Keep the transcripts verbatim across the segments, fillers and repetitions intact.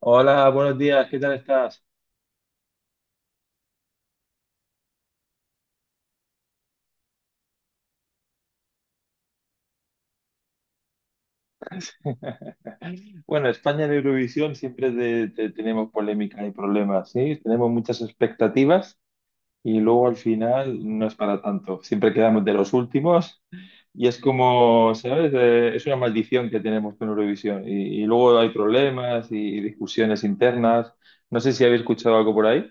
Hola, buenos días, ¿qué tal estás? Bueno, España en Eurovisión siempre te- te- tenemos polémicas y problemas, ¿sí? Tenemos muchas expectativas y luego al final no es para tanto. Siempre quedamos de los últimos y es como, ¿sabes? Eh, es una maldición que tenemos con Eurovisión y, y luego hay problemas y, y discusiones internas. No sé si habéis escuchado algo por ahí.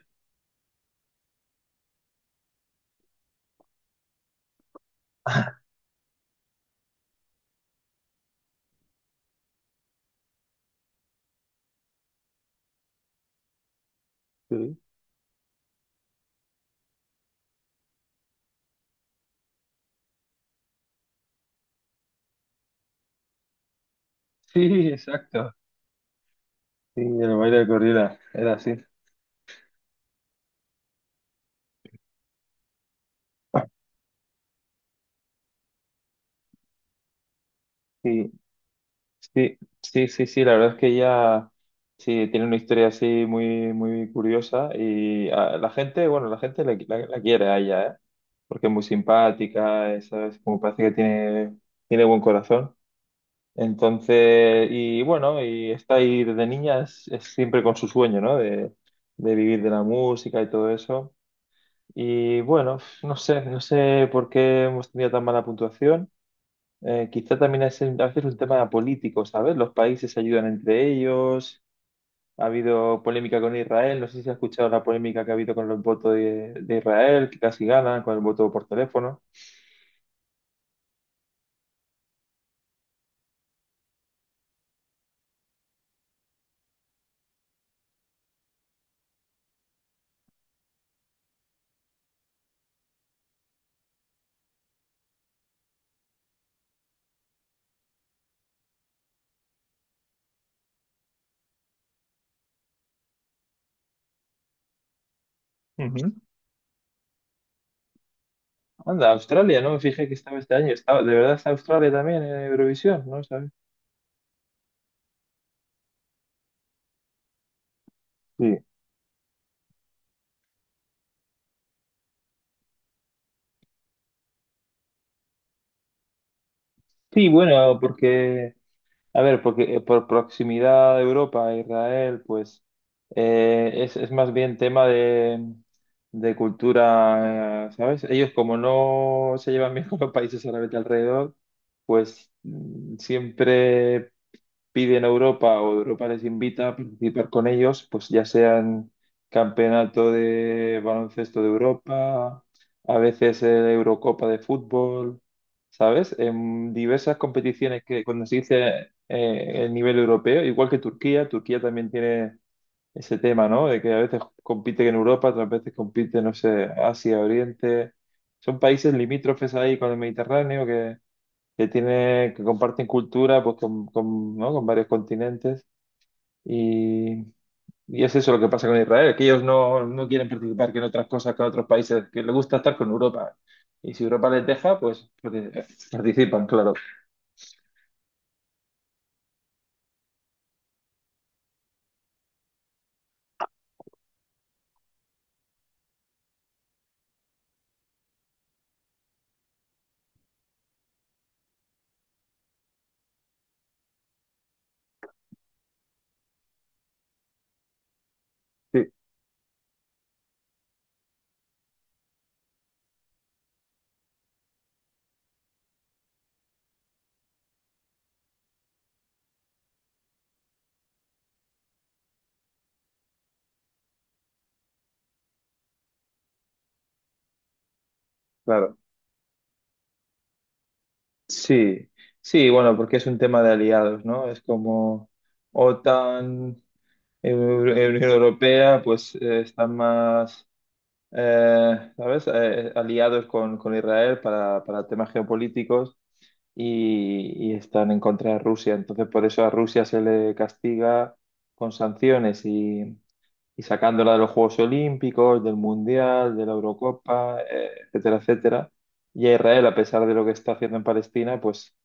Sí. Sí, exacto. Sí, el baile de corrida, era así. Sí. Sí, sí, sí, sí, la verdad es que ella sí tiene una historia así muy, muy curiosa y a la gente, bueno, la gente la, la- la quiere a ella, ¿eh? Porque es muy simpática, es, ¿sabes? Como parece que tiene, tiene buen corazón. Entonces, y bueno, y está ahí desde niña, es, es siempre con su sueño, ¿no? De, de vivir de la música y todo eso. Y bueno, no sé, no sé por qué hemos tenido tan mala puntuación. Eh, quizá también es un- a veces un tema político, ¿sabes? Los países se ayudan entre ellos. Ha habido polémica con Israel. No sé si has escuchado la polémica que ha habido con los votos de, de Israel, que casi ganan con el voto por teléfono. Ujú. Anda, Australia, no me fijé que estaba este año. Estaba, de verdad está Australia también en Eurovisión, ¿no? ¿Sabes? Sí. Sí, bueno, porque a ver, porque eh, por proximidad a Europa a Israel, pues eh, es, es más bien tema de, de cultura, eh, ¿sabes? Ellos como no se llevan bien con los países árabes de alrededor, pues mm, siempre piden a Europa o Europa les invita a participar con ellos, pues ya sean campeonato de baloncesto de Europa, a veces eh, Eurocopa de fútbol, ¿sabes? En diversas competiciones que cuando se dice eh, el nivel europeo, igual que Turquía, Turquía también tiene ese tema, ¿no? De que a veces compite en Europa, otras veces compite, no sé, Asia, Oriente. Son países limítrofes ahí con el Mediterráneo que que tiene, que comparten cultura pues, con, con, ¿no? Con varios continentes. Y, y es eso lo que pasa con Israel, que ellos no, no quieren participar que en otras cosas que en otros países, que les gusta estar con Europa. Y si Europa les deja, pues porque- participan, claro. Sí, claro. Sí, sí, bueno, porque es un tema de aliados, ¿no? Es como OTAN, Eu- Unión Europea, pues eh, están más, eh, ¿sabes? Eh, aliados con, con Israel para, para temas geopolíticos y, y están en contra de Rusia. Entonces, por eso a Rusia se le castiga con sanciones y, y sacándola de los Juegos Olímpicos, del Mundial, de la Eurocopa, eh, etcétera, etcétera. Y a Israel, a pesar de lo que está haciendo en Palestina, pues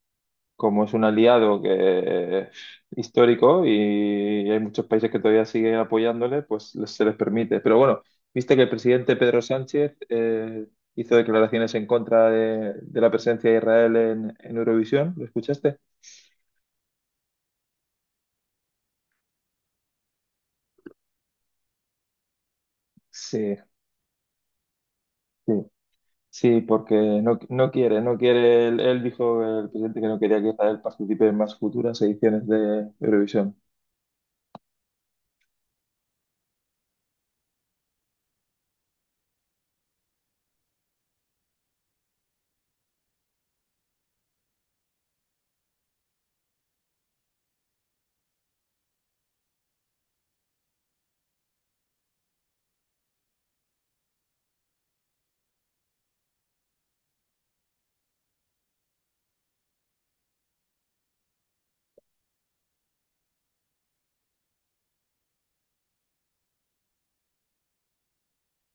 como es un aliado que es histórico y hay muchos países que todavía siguen apoyándole, pues les- se les permite. Pero bueno, viste que el presidente Pedro Sánchez eh, hizo declaraciones en contra de, de la presencia de Israel en, en Eurovisión, ¿lo escuchaste? Sí, sí, sí, porque no, no quiere, no quiere, él, él dijo, el presidente, que no quería que Israel participe en más futuras ediciones de Eurovisión.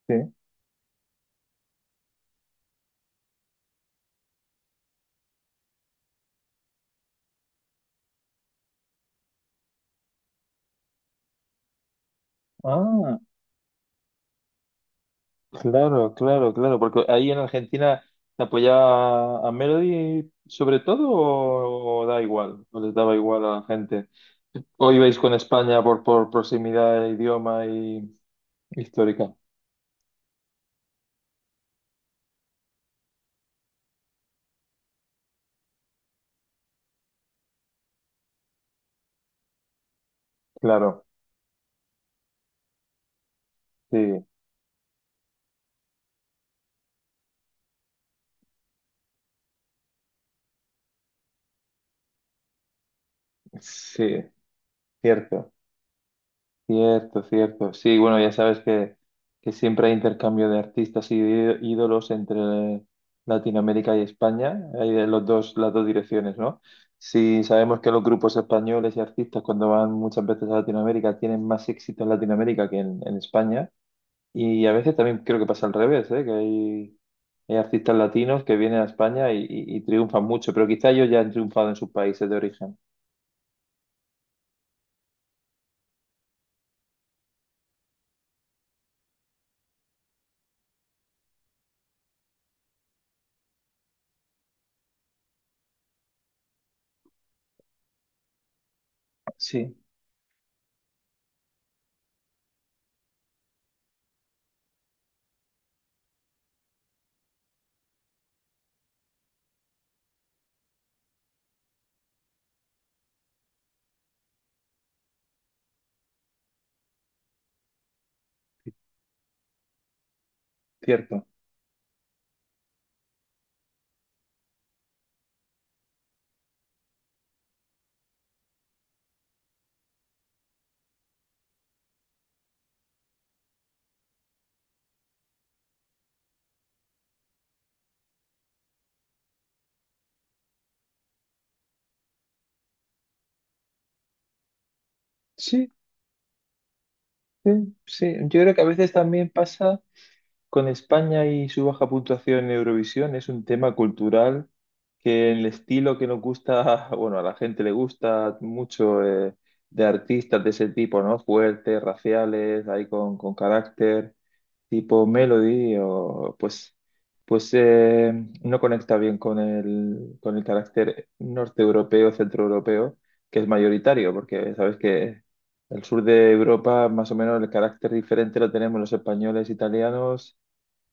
Sí. Ah. Claro, claro, claro, porque ahí en Argentina te apoyaba a Melody sobre todo o, o da igual, o les daba igual a la gente. O ibais con España por, por proximidad de idioma y histórica. Claro, sí, sí, cierto. Cierto, cierto. Sí, bueno, ya sabes que, que siempre hay intercambio de artistas y de ídolos entre Latinoamérica y España. Hay de los dos, las dos direcciones, ¿no? Sí, sabemos que los grupos españoles y artistas cuando van muchas veces a Latinoamérica tienen más éxito en Latinoamérica que en, en España. Y a veces también creo que pasa al revés, ¿eh? Que hay, hay artistas latinos que vienen a España y, y- y triunfan mucho, pero quizá ellos ya han triunfado en sus países de origen. Sí, cierto. Sí. Sí, sí, yo creo que a veces también pasa. Con España y su baja puntuación en Eurovisión es un tema cultural que el estilo que nos gusta, bueno, a la gente le gusta mucho eh, de artistas de ese tipo, ¿no? Fuertes, raciales, ahí con, con carácter, tipo Melody, o pues, pues eh, no conecta bien con el, con el carácter norte europeo, centro europeo, que es mayoritario, porque sabes que el sur de Europa, más o menos el carácter diferente lo tenemos los españoles, italianos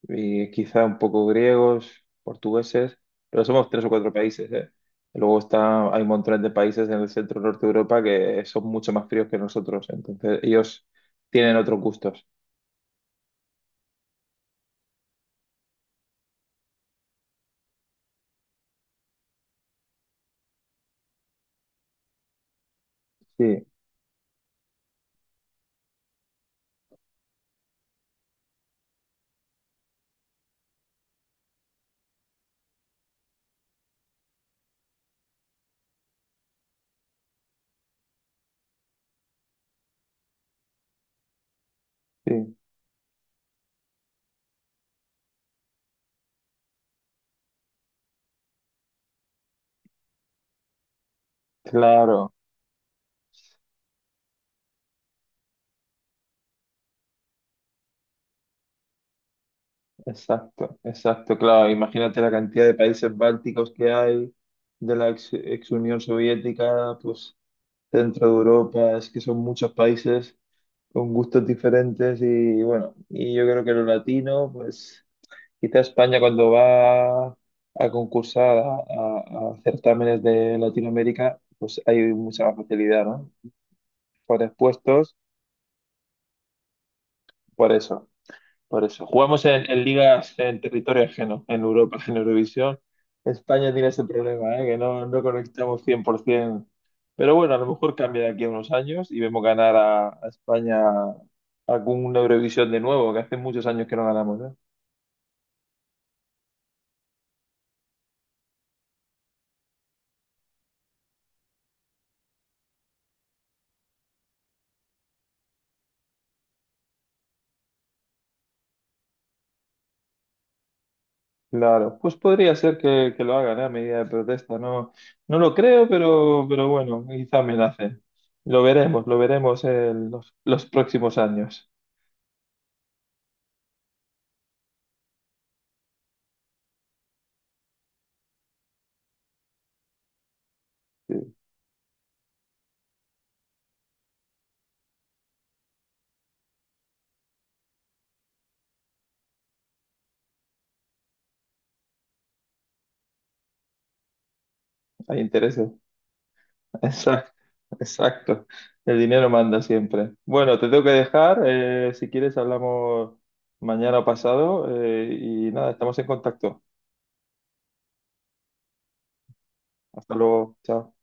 y quizá un poco griegos, portugueses, pero somos tres o cuatro países, ¿eh? Luego está, hay un montón de países en el centro norte de Europa que son mucho más fríos que nosotros, entonces ellos tienen otros gustos. Sí, sí, claro, exacto, exacto, claro. Imagínate la cantidad de países bálticos que hay, de la ex, ex Unión Soviética, pues centro de Europa, es que son muchos países con gustos diferentes y bueno, y yo creo que lo latino, pues... Quizá España cuando va a concursar a, a- a certámenes de Latinoamérica, pues hay mucha más facilidad, ¿no? Por expuestos, por eso, por eso. Jugamos en, en ligas en territorio ajeno, en Europa, en Eurovisión. España tiene ese problema, ¿eh? Que no, no conectamos cien por ciento. Pero bueno, a lo mejor cambia de aquí a unos años y vemos ganar a, a España algún Eurovisión de nuevo, que hace muchos años que no ganamos, ¿eh? Claro, pues podría ser que, que lo hagan, ¿eh? A medida de protesta. No, no lo creo, pero, pero bueno, quizá me la hacen. Lo veremos, lo veremos en los, los próximos años. Sí, hay intereses. Exacto, exacto. El dinero manda siempre. Bueno, te tengo que dejar. Eh, si quieres, hablamos mañana o pasado. Eh, y nada, estamos en contacto. Hasta luego. Chao.